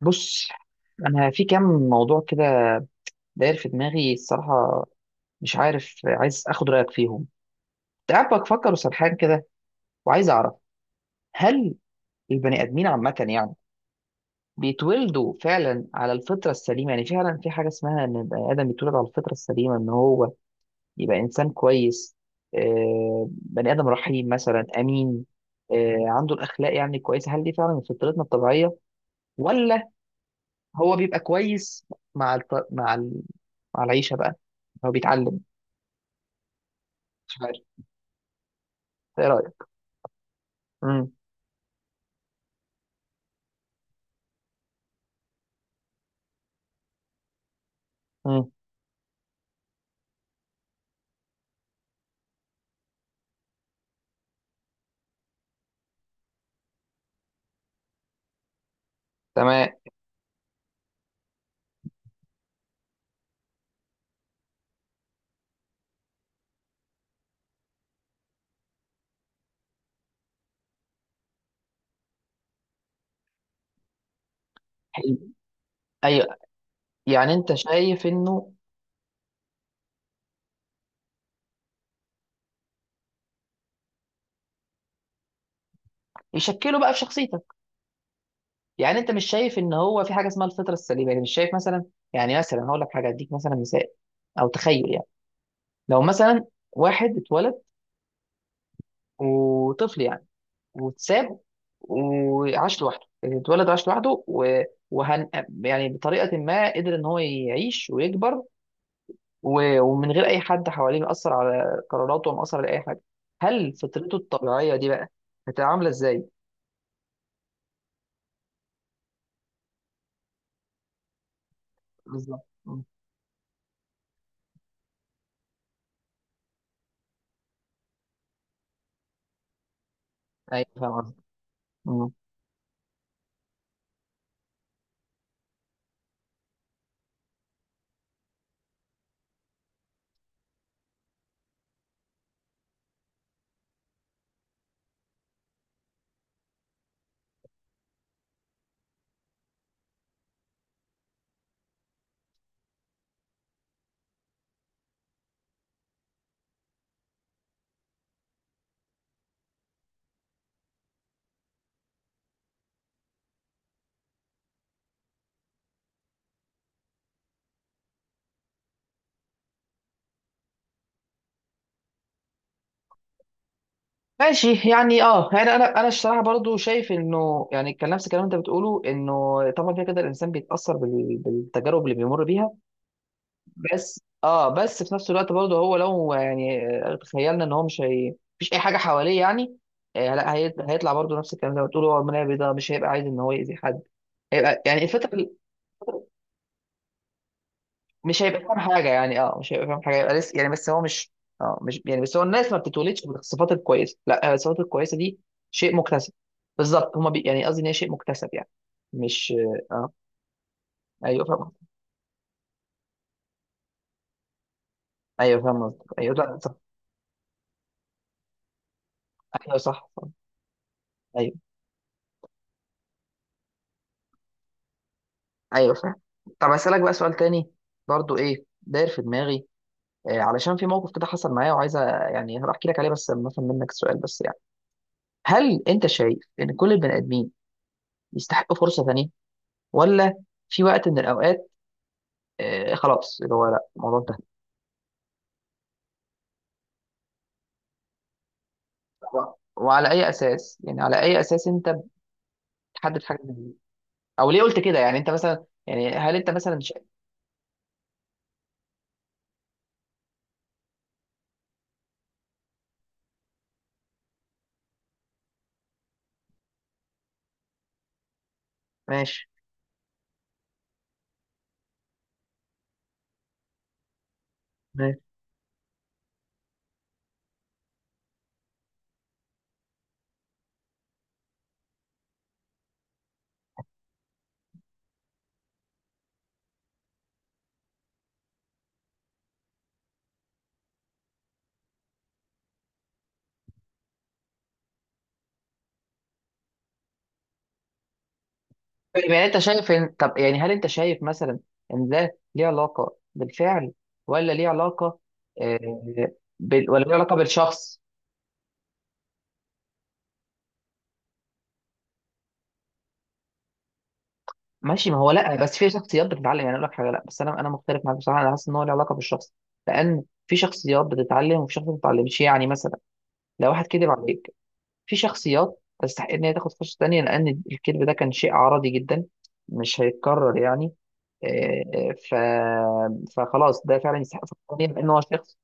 بص، انا في كام موضوع كده داير في دماغي الصراحه. مش عارف، عايز اخد رايك فيهم. كنت قاعد بفكر وسرحان كده، وعايز اعرف، هل البني ادمين عامه يعني بيتولدوا فعلا على الفطره السليمه؟ يعني فعلا في حاجه اسمها ان البني ادم بيتولد على الفطره السليمه ان هو يبقى انسان كويس، بني ادم رحيم مثلا، امين، عنده الاخلاق يعني كويسه؟ هل دي فعلا من فطرتنا الطبيعيه، ولا هو بيبقى كويس مع الط... مع ال... مع العيشه بقى، هو بيتعلم؟ مش عارف، ايه رايك؟ امم. امم. تمام. حلو. ايوه. يعني انت شايف انه يشكله بقى في شخصيتك. يعني انت مش شايف ان هو في حاجه اسمها الفطره السليمه؟ يعني مش شايف مثلا، يعني مثلا هقول لك حاجه، اديك مثلا مثال، او تخيل يعني. لو مثلا واحد اتولد وطفل يعني واتساب وعاش لوحده، يعني اتولد وعاش لوحده وهن... يعني بطريقه ما قدر ان هو يعيش ويكبر ومن غير اي حد حواليه مأثر على قراراته ومأثر على اي حاجه، هل فطرته الطبيعيه دي بقى هتعامله ازاي؟ بالظبط. مم. ايوه فاهم قصدك. مم. ماشي. يعني اه، يعني انا الصراحه برضو شايف انه، يعني كان نفس الكلام اللي انت بتقوله، انه طبعا كده كده الانسان بيتاثر بالتجارب اللي بيمر بيها. بس اه، بس في نفس الوقت برضو هو لو يعني، تخيلنا ان هو مش هي، مفيش اي حاجه حواليه يعني. آه لا، هيطلع برضو نفس الكلام زي ما بتقول، هو المنابي ده مش هيبقى عايز ان هو يأذي حد، هيبقى يعني الفطره، مش هيبقى فاهم حاجه. يعني اه، مش هيبقى فاهم حاجه، يبقى لسه يعني، بس هو مش، اه مش يعني، بس هو الناس ما بتتولدش بالصفات الكويسه لا، الصفات الكويسه دي شيء مكتسب. بالظبط. يعني قصدي ان هي شيء مكتسب يعني. مش، اه. ايوه فاهم. ايوه فاهم قصدك. ايوه لا صح. ايوه صح. صح. ايوه. ايوه فاهم. طب اسالك بقى سؤال تاني، برضو ايه داير في دماغي. علشان في موقف كده حصل معايا وعايز يعني هروح احكي لك عليه بس لما افهم منك السؤال، بس يعني، هل انت شايف ان كل البني ادمين يستحقوا فرصه ثانيه، ولا في وقت من الأوقات خلاص اللي هو لا الموضوع انتهى؟ و- وعلى أي أساس، يعني على أي أساس أنت بتحدد حاجة زي دي؟ أو ليه قلت كده؟ يعني أنت مثلا، يعني هل أنت مثلا شايف؟ ماشي. ماشي. يعني أنت شايف إن، طب يعني هل أنت شايف مثلا إن ده ليه علاقة بالفعل، ولا ليه علاقة، آه، ولا ليه علاقة بالشخص؟ ماشي. ما هو لا، بس في شخصيات بتتعلم، يعني أقول لك حاجة. لا بس أنا مختلف معاك بصراحة، أنا حاسس إن هو ليه علاقة بالشخص، لأن في شخصيات بتتعلم وفي شخصيات ما بتتعلمش. يعني مثلا لو واحد كذب عليك، في شخصيات تستحق ان هي تاخد فرصه تانية لان الكذب ده كان شيء عرضي جدا، مش هيتكرر يعني، آه، ف فخلاص ده فعلا يستحق فرصه تانية لان هو شخص.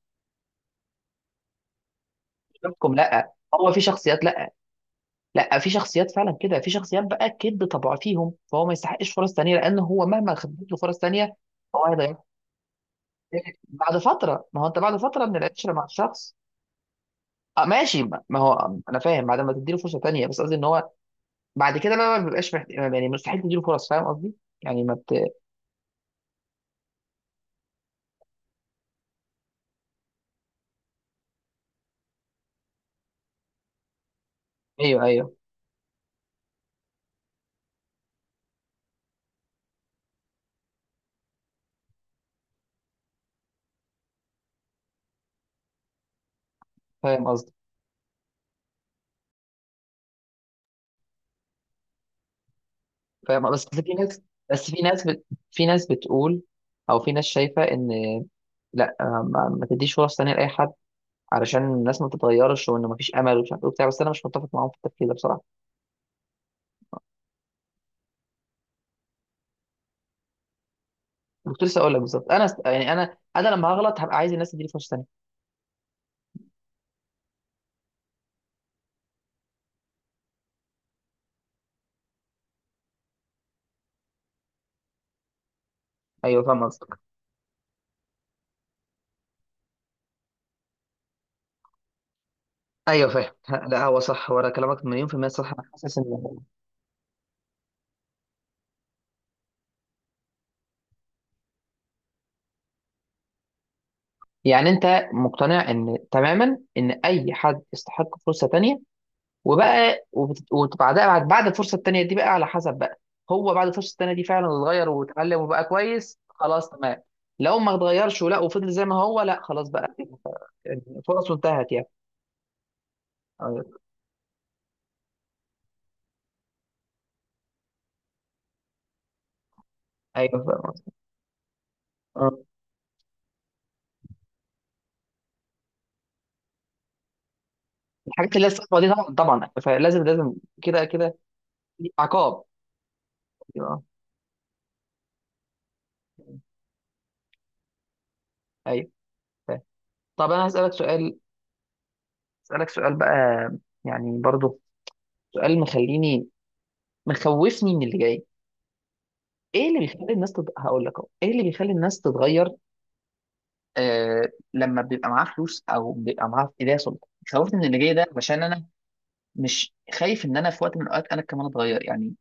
مش بحكم، لا، هو في شخصيات، لا، لا، في شخصيات فعلا كده، في شخصيات بقى الكذب طبع فيهم، فهو ما يستحقش فرص تانية لان هو مهما خدت له فرص تانية هو هيضيع بعد فتره. ما هو انت بعد فتره من العشره مع الشخص، آه ماشي، ما ما هو انا فاهم بعد ما تديله فرصه تانية، بس قصدي ان هو بعد كده لا لا، ما بيبقاش يعني مستحيل تديله فرص، فاهم قصدي؟ يعني ما بت... ايوه. ايوه فاهم قصدي. فاهم، بس في ناس، بس في ناس في ناس بتقول، او في ناس شايفه ان لا، ما, ما تديش فرص تانيه لاي حد علشان الناس ما تتغيرش، وان ما فيش امل، ومش عارف ايه وبتاع. بس انا مش متفق معاهم في التفكير ده بصراحه. كنت لسه اقول لك بالظبط، انا يعني انا لما هغلط هبقى عايز الناس تديني فرصه تانيه. ايوه فاهم قصدك. ايوه فاهم. لا هو صح، ورا كلامك مليون في المية صح. انا حاسس ان، يعني انت مقتنع ان تماما ان اي حد يستحق فرصه تانية، وبقى وبعدها، بعد بعد الفرصه التانية دي بقى على حسب بقى، هو بعد الفرصه التانية دي فعلا اتغير واتعلم وبقى كويس، خلاص تمام. لو ما اتغيرش ولا وفضل زي ما هو، لا خلاص بقى. يعني فرصه انتهت يعني. ايوه. ايوه فاهم قصدك. اه. الحاجات اللي هي الصعبه دي طبعا طبعا، فلازم لازم. كده كده في عقاب. اه. ايوه. فاهم. طب انا هسألك سؤال، هسألك سؤال بقى، يعني برضو سؤال مخليني، مخوفني من اللي جاي. ايه اللي بيخلي الناس هقول لك اهو، ايه اللي بيخلي الناس تتغير، آه لما بيبقى معاه فلوس او بيبقى معاه ايديا سلطه؟ خوفني من اللي جاي ده عشان انا مش خايف ان انا في وقت من الاوقات انا كمان اتغير يعني.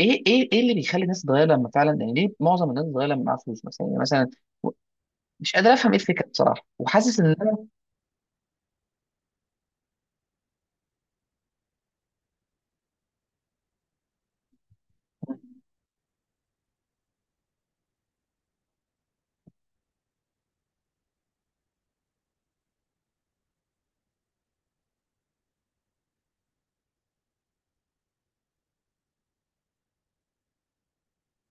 ايه ايه ايه اللي بيخلي الناس تتغير لما فعلا، يعني ليه معظم الناس تتغير لما معاها فلوس مثلا يعني مثلا؟ و- مش قادر افهم ايه الفكره بصراحه، وحاسس ان انا.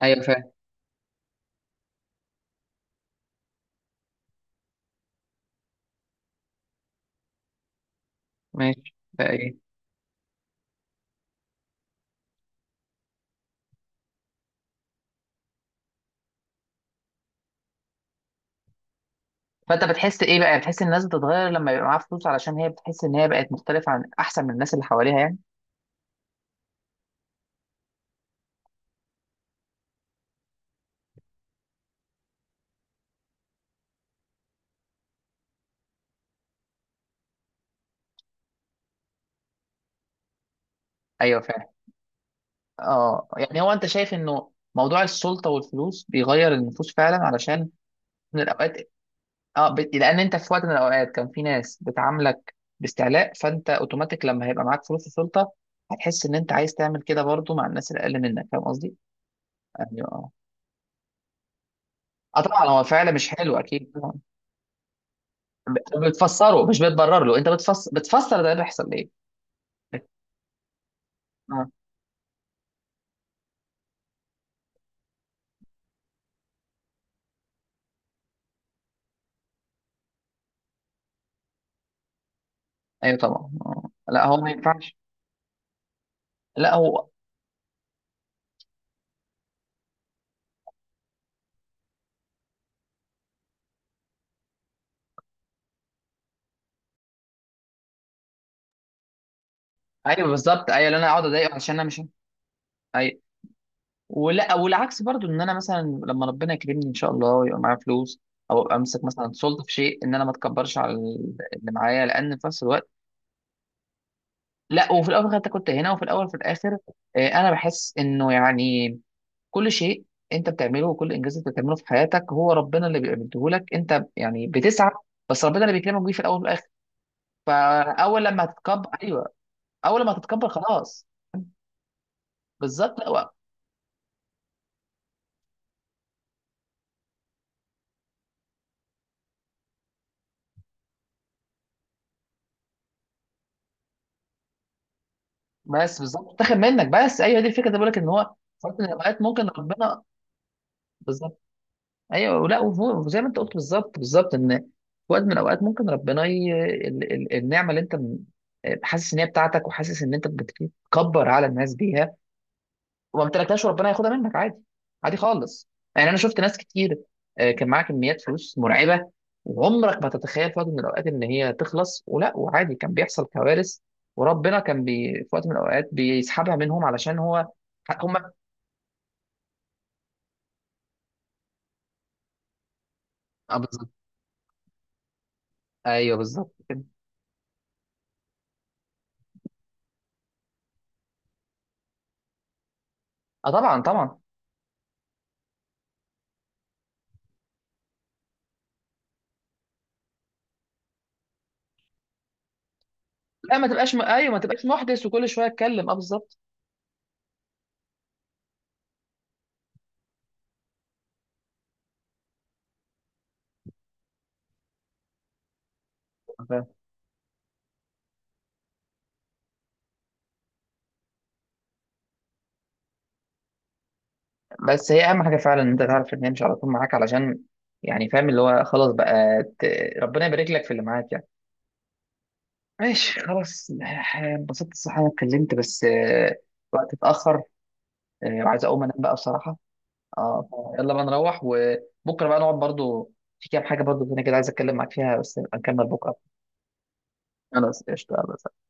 ايوه فاهم. ماشي بقى، ايه؟ فانت بتحس ايه بقى، بتحس ان الناس بتتغير لما يبقى معاها فلوس علشان هي بتحس ان هي بقت مختلفه عن، احسن من الناس اللي حواليها يعني؟ ايوه فاهم. اه يعني، هو انت شايف انه موضوع السلطه والفلوس بيغير النفوس فعلا؟ علشان من الاوقات اه، لان انت في وقت من الاوقات كان في ناس بتعاملك باستعلاء، فانت اوتوماتيك لما هيبقى معاك فلوس وسلطه هتحس ان انت عايز تعمل كده برضو مع الناس الاقل منك، فاهم قصدي؟ يعني اه. آه طبعا هو فعلا مش حلو اكيد طبعا. بتفسره مش بتبرر له، انت بتفسر، بتفسر ده بيحصل ليه؟ بت- اه. ايوه طبعا اه، لا هو ما ينفعش. لا هو. ايوه بالظبط، ايوه اللي انا اقعد اضايقه عشان انا مش. ايوه. ولا والعكس برضو، ان انا مثلا لما ربنا يكرمني ان شاء الله ويبقى معايا فلوس، او ابقى امسك مثلا سلطه في شيء، ان انا ما اتكبرش على اللي معايا، لان في نفس الوقت. لا وفي الاول انت كنت هنا، وفي الاول وفي الاخر، انا بحس انه يعني كل شيء انت بتعمله وكل انجاز انت بتعمله في حياتك هو ربنا اللي بيديه لك، انت يعني بتسعى، بس ربنا اللي بيكرمك بيه في الاول وفي الاخر. فاول لما هتتكبر، ايوه، اول لما هتتكبر خلاص. بالظبط. لا، بس بالظبط تاخد منك، بس ايوه دي الفكره اللي بقول لك ان هو في وقت من الأوقات ممكن ربنا. بالظبط. ايوه ولا وزي ما انت قلت بالظبط بالظبط، ان في وقت من الاوقات ممكن ربنا النعمه اللي انت حاسس ان هي بتاعتك، وحاسس ان انت بتكبر على الناس بيها، وما امتلكتهاش، وربنا ياخدها منك عادي. عادي خالص. يعني انا شفت ناس كتير، كان معاها كميات فلوس مرعبه، وعمرك ما تتخيل في وقت من الاوقات ان هي تخلص، ولا وعادي كان بيحصل كوارث، وربنا كان في وقت من الاوقات بيسحبها منهم علشان هو. هم. اه بالظبط. ايوه بالظبط كده. اه طبعا طبعا. لا ما تبقاش ايوه ما تبقاش محدث وكل شويه اتكلم، اه بالظبط. فاهم؟ بس هي اهم حاجه فعلا، ان انت تعرف ان هي مش على طول معاك علشان يعني، فاهم اللي هو خلاص بقى ربنا يبارك لك في اللي معاك يعني. ماشي خلاص. انبسطت الصراحه إن انا اتكلمت، بس الوقت اتاخر، وعايز اقوم انام بقى بصراحه. اه. يلا بقى نروح، وبكره بقى نقعد برضو، في كام حاجه برضو هنا كده عايز اتكلم معاك فيها، بس نبقى نكمل بكره. خلاص قشطه يلا.